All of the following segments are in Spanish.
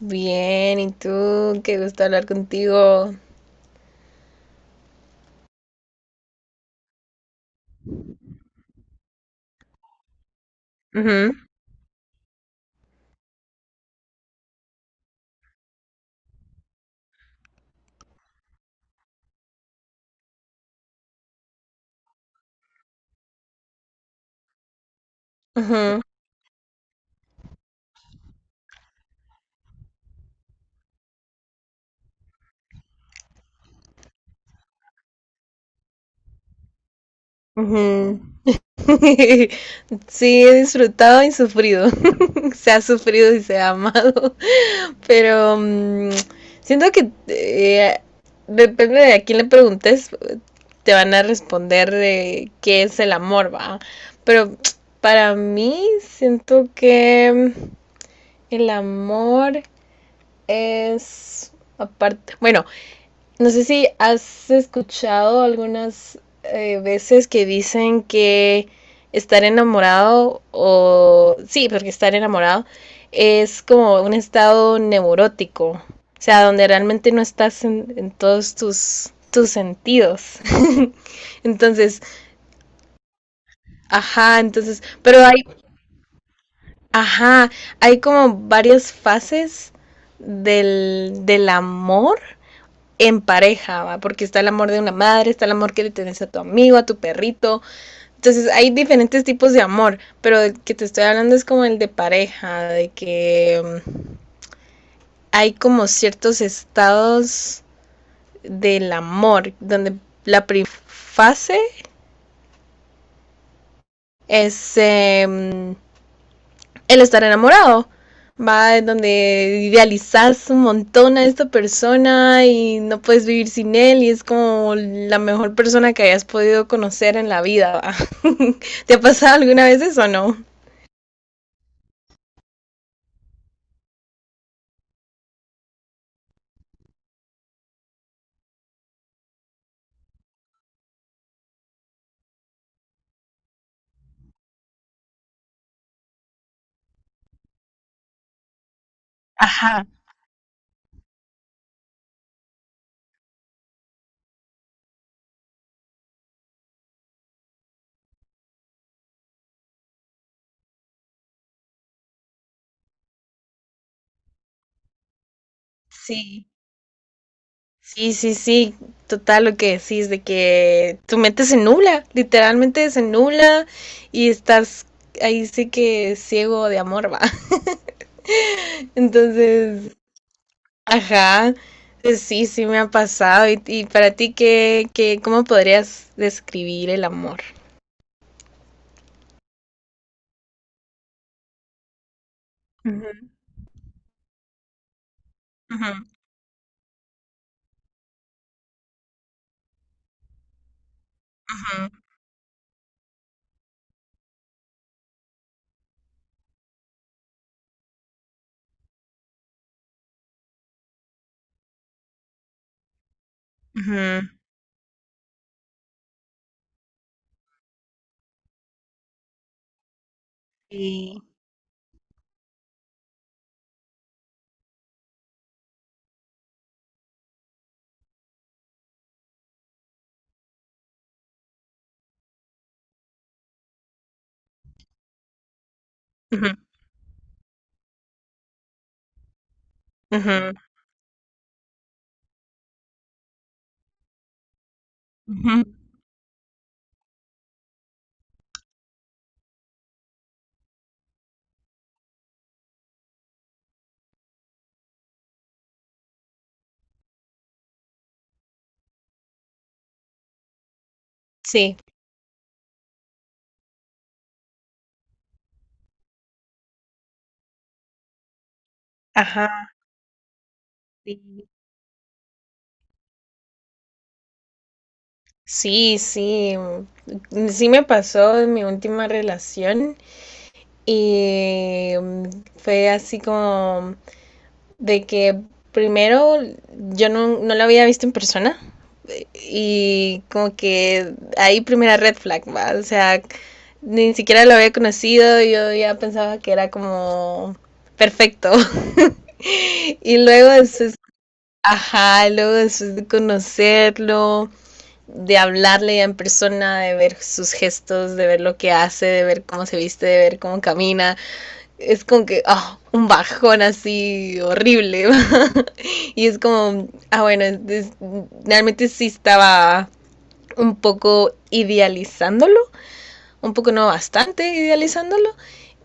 Bien, ¿y tú? Qué gusto hablar contigo. Ujú, ujú, ujú. Sí, he disfrutado y sufrido. Se ha sufrido y se ha amado. Pero siento que depende de a quién le preguntes, te van a responder de qué es el amor, va. Pero para mí siento que el amor es aparte. Bueno, no sé si has escuchado algunas veces que dicen que estar enamorado Sí, porque estar enamorado es como un estado neurótico, o sea, donde realmente no estás en todos tus sentidos. Entonces, ajá, entonces, ajá, hay como varias fases del amor en pareja, ¿va? Porque está el amor de una madre, está el amor que le tienes a tu amigo, a tu perrito. Entonces hay diferentes tipos de amor, pero el que te estoy hablando es como el de pareja, de que hay como ciertos estados del amor, donde la primera fase es el estar enamorado. Va, en donde idealizas un montón a esta persona y no puedes vivir sin él y es como la mejor persona que hayas podido conocer en la vida. ¿Va? ¿Te ha pasado alguna vez eso o no? Sí, sí, sí, sí, total lo que decís, de que tu mente se nubla, literalmente se nubla y estás ahí sí que ciego de amor, va. Entonces, ajá, sí, sí me ha pasado. Y para ti qué, qué, cómo podrías describir el amor? Ujú, ujú, ujú, ujú, sí. Ujú, ujú, ujú, sí, ajá, sí. Sí, sí, sí me pasó en mi última relación y fue así como de que primero yo no la había visto en persona y como que ahí primera red flag, ¿va? O sea, ni siquiera lo había conocido, yo ya pensaba que era como perfecto. Y luego después, ajá, luego después de conocerlo, de hablarle ya en persona, de ver sus gestos, de ver lo que hace, de ver cómo se viste, de ver cómo camina, es como que, ah, un bajón así horrible. Y es como, ah, bueno, realmente sí estaba un poco idealizándolo, un poco no bastante idealizándolo.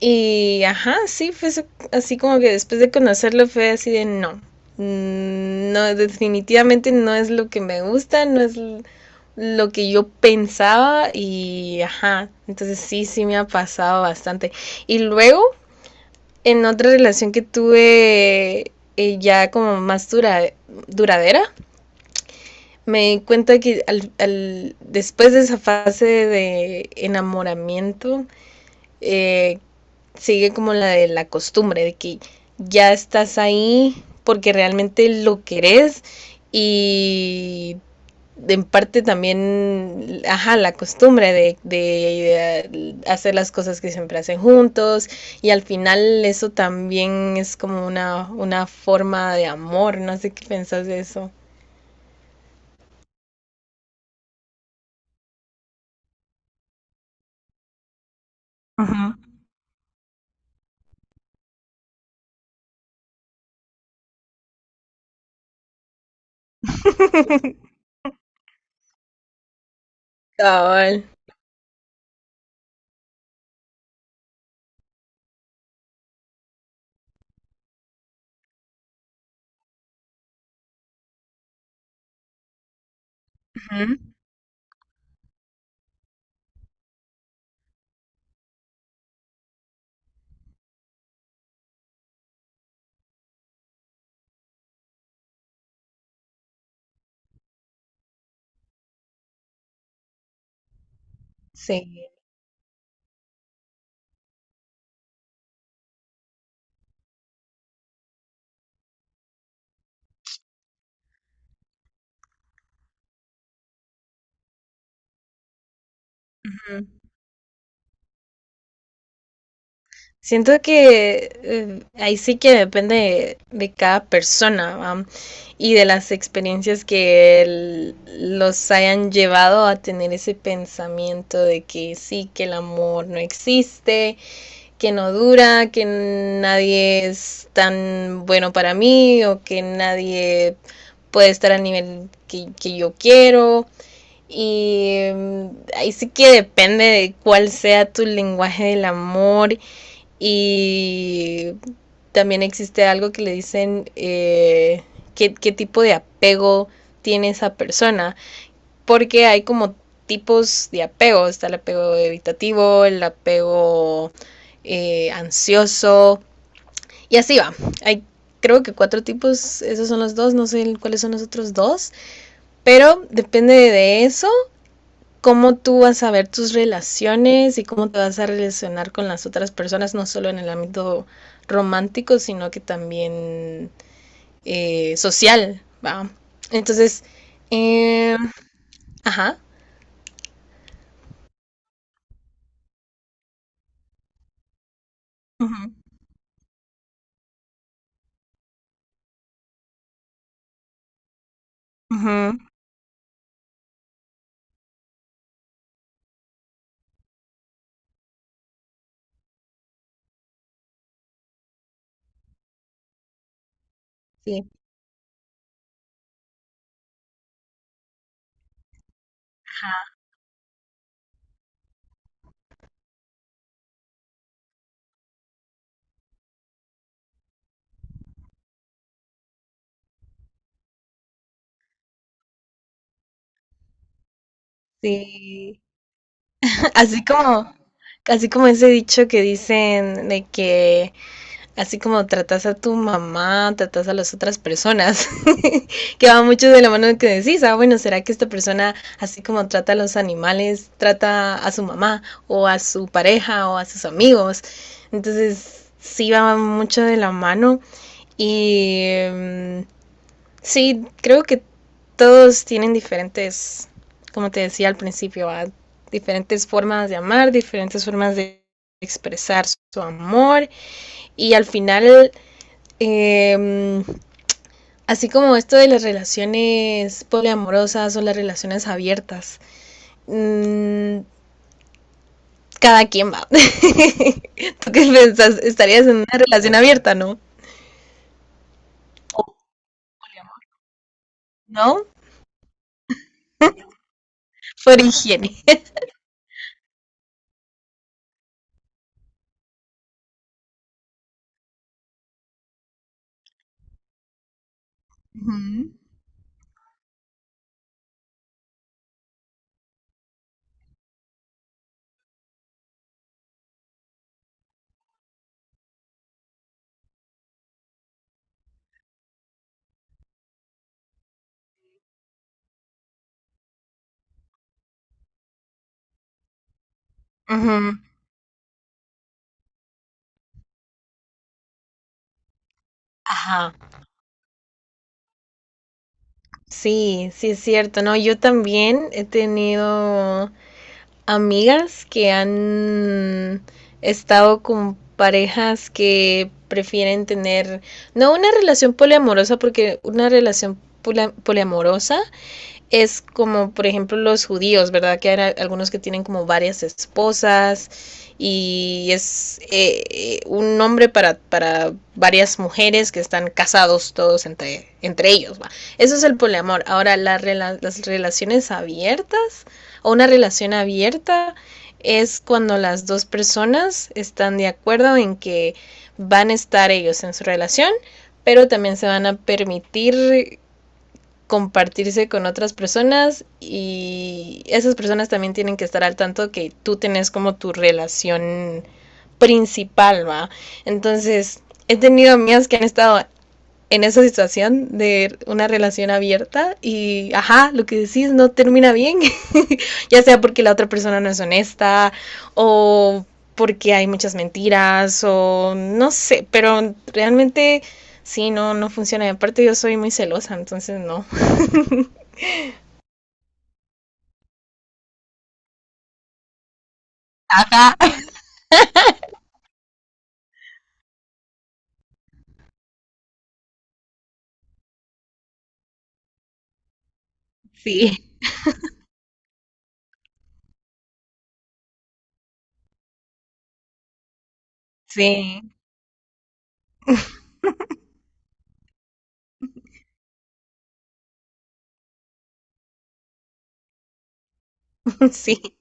Y, ajá, sí, fue así como que después de conocerlo fue así de no. No, definitivamente no es lo que me gusta, no es lo que yo pensaba y, ajá, entonces sí, sí me ha pasado bastante. Y luego, en otra relación que tuve ya como más dura, duradera, me di cuenta que después de esa fase de enamoramiento, eh, sigue como la de la costumbre, de que ya estás ahí porque realmente lo querés y en parte también, ajá, la costumbre hacer las cosas que siempre hacen juntos y al final eso también es como una forma de amor, no sé qué pensás de eso. Cabal. Sí. Ujú. Siento que ahí sí que depende de cada persona, ¿va? Y de las experiencias que los hayan llevado a tener ese pensamiento de que sí, que el amor no existe, que no dura, que nadie es tan bueno para mí o que nadie puede estar al nivel que yo quiero. Y ahí sí que depende de cuál sea tu lenguaje del amor. Y también existe algo que le dicen qué, qué tipo de apego tiene esa persona. Porque hay como tipos de apego. Está el apego evitativo, el apego ansioso. Y así va. Hay creo que cuatro tipos, esos son los dos, no sé cuáles son los otros dos, pero depende de eso cómo tú vas a ver tus relaciones y cómo te vas a relacionar con las otras personas, no solo en el ámbito romántico, sino que también social, ¿va? Entonces, eh, ajá. Ujú, ujú, sí, sí. Así como, así como ese dicho que dicen de que así como tratas a tu mamá, tratas a las otras personas, que va mucho de la mano, que decís, ah, bueno, ¿será que esta persona, así como trata a los animales, trata a su mamá o a su pareja o a sus amigos? Entonces, sí va mucho de la mano y sí, creo que todos tienen diferentes, como te decía al principio, ¿va? Diferentes formas de amar, diferentes formas de expresar su amor y al final eh, así como esto de las relaciones poliamorosas o las relaciones abiertas. mm, Cada quien va. ¿Tú qué piensas? Estarías en una relación abierta, ¿no? ¿No? Por higiene. Ujú. Ujú. Ajá. Sí, sí es cierto, ¿no? Yo también he tenido amigas que han estado con parejas que prefieren tener, no una relación poliamorosa, porque una relación poliamorosa es como, por ejemplo, los judíos, ¿verdad? Que hay algunos que tienen como varias esposas y es un nombre para, varias mujeres que están casados todos entre ellos. ¿Va? Eso es el poliamor. Ahora, las relaciones abiertas o una relación abierta es cuando las dos personas están de acuerdo en que van a estar ellos en su relación, pero también se van a permitir compartirse con otras personas y esas personas también tienen que estar al tanto que tú tenés como tu relación principal, ¿va? Entonces, he tenido amigas que han estado en esa situación de una relación abierta y, ajá, lo que decís no termina bien, ya sea porque la otra persona no es honesta o porque hay muchas mentiras o no sé, pero realmente sí, no, no funciona. Y aparte yo soy muy celosa, entonces no. Sí, sí, sí,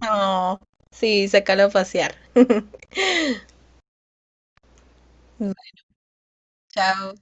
no, sí, sácalo a pasear. Chao.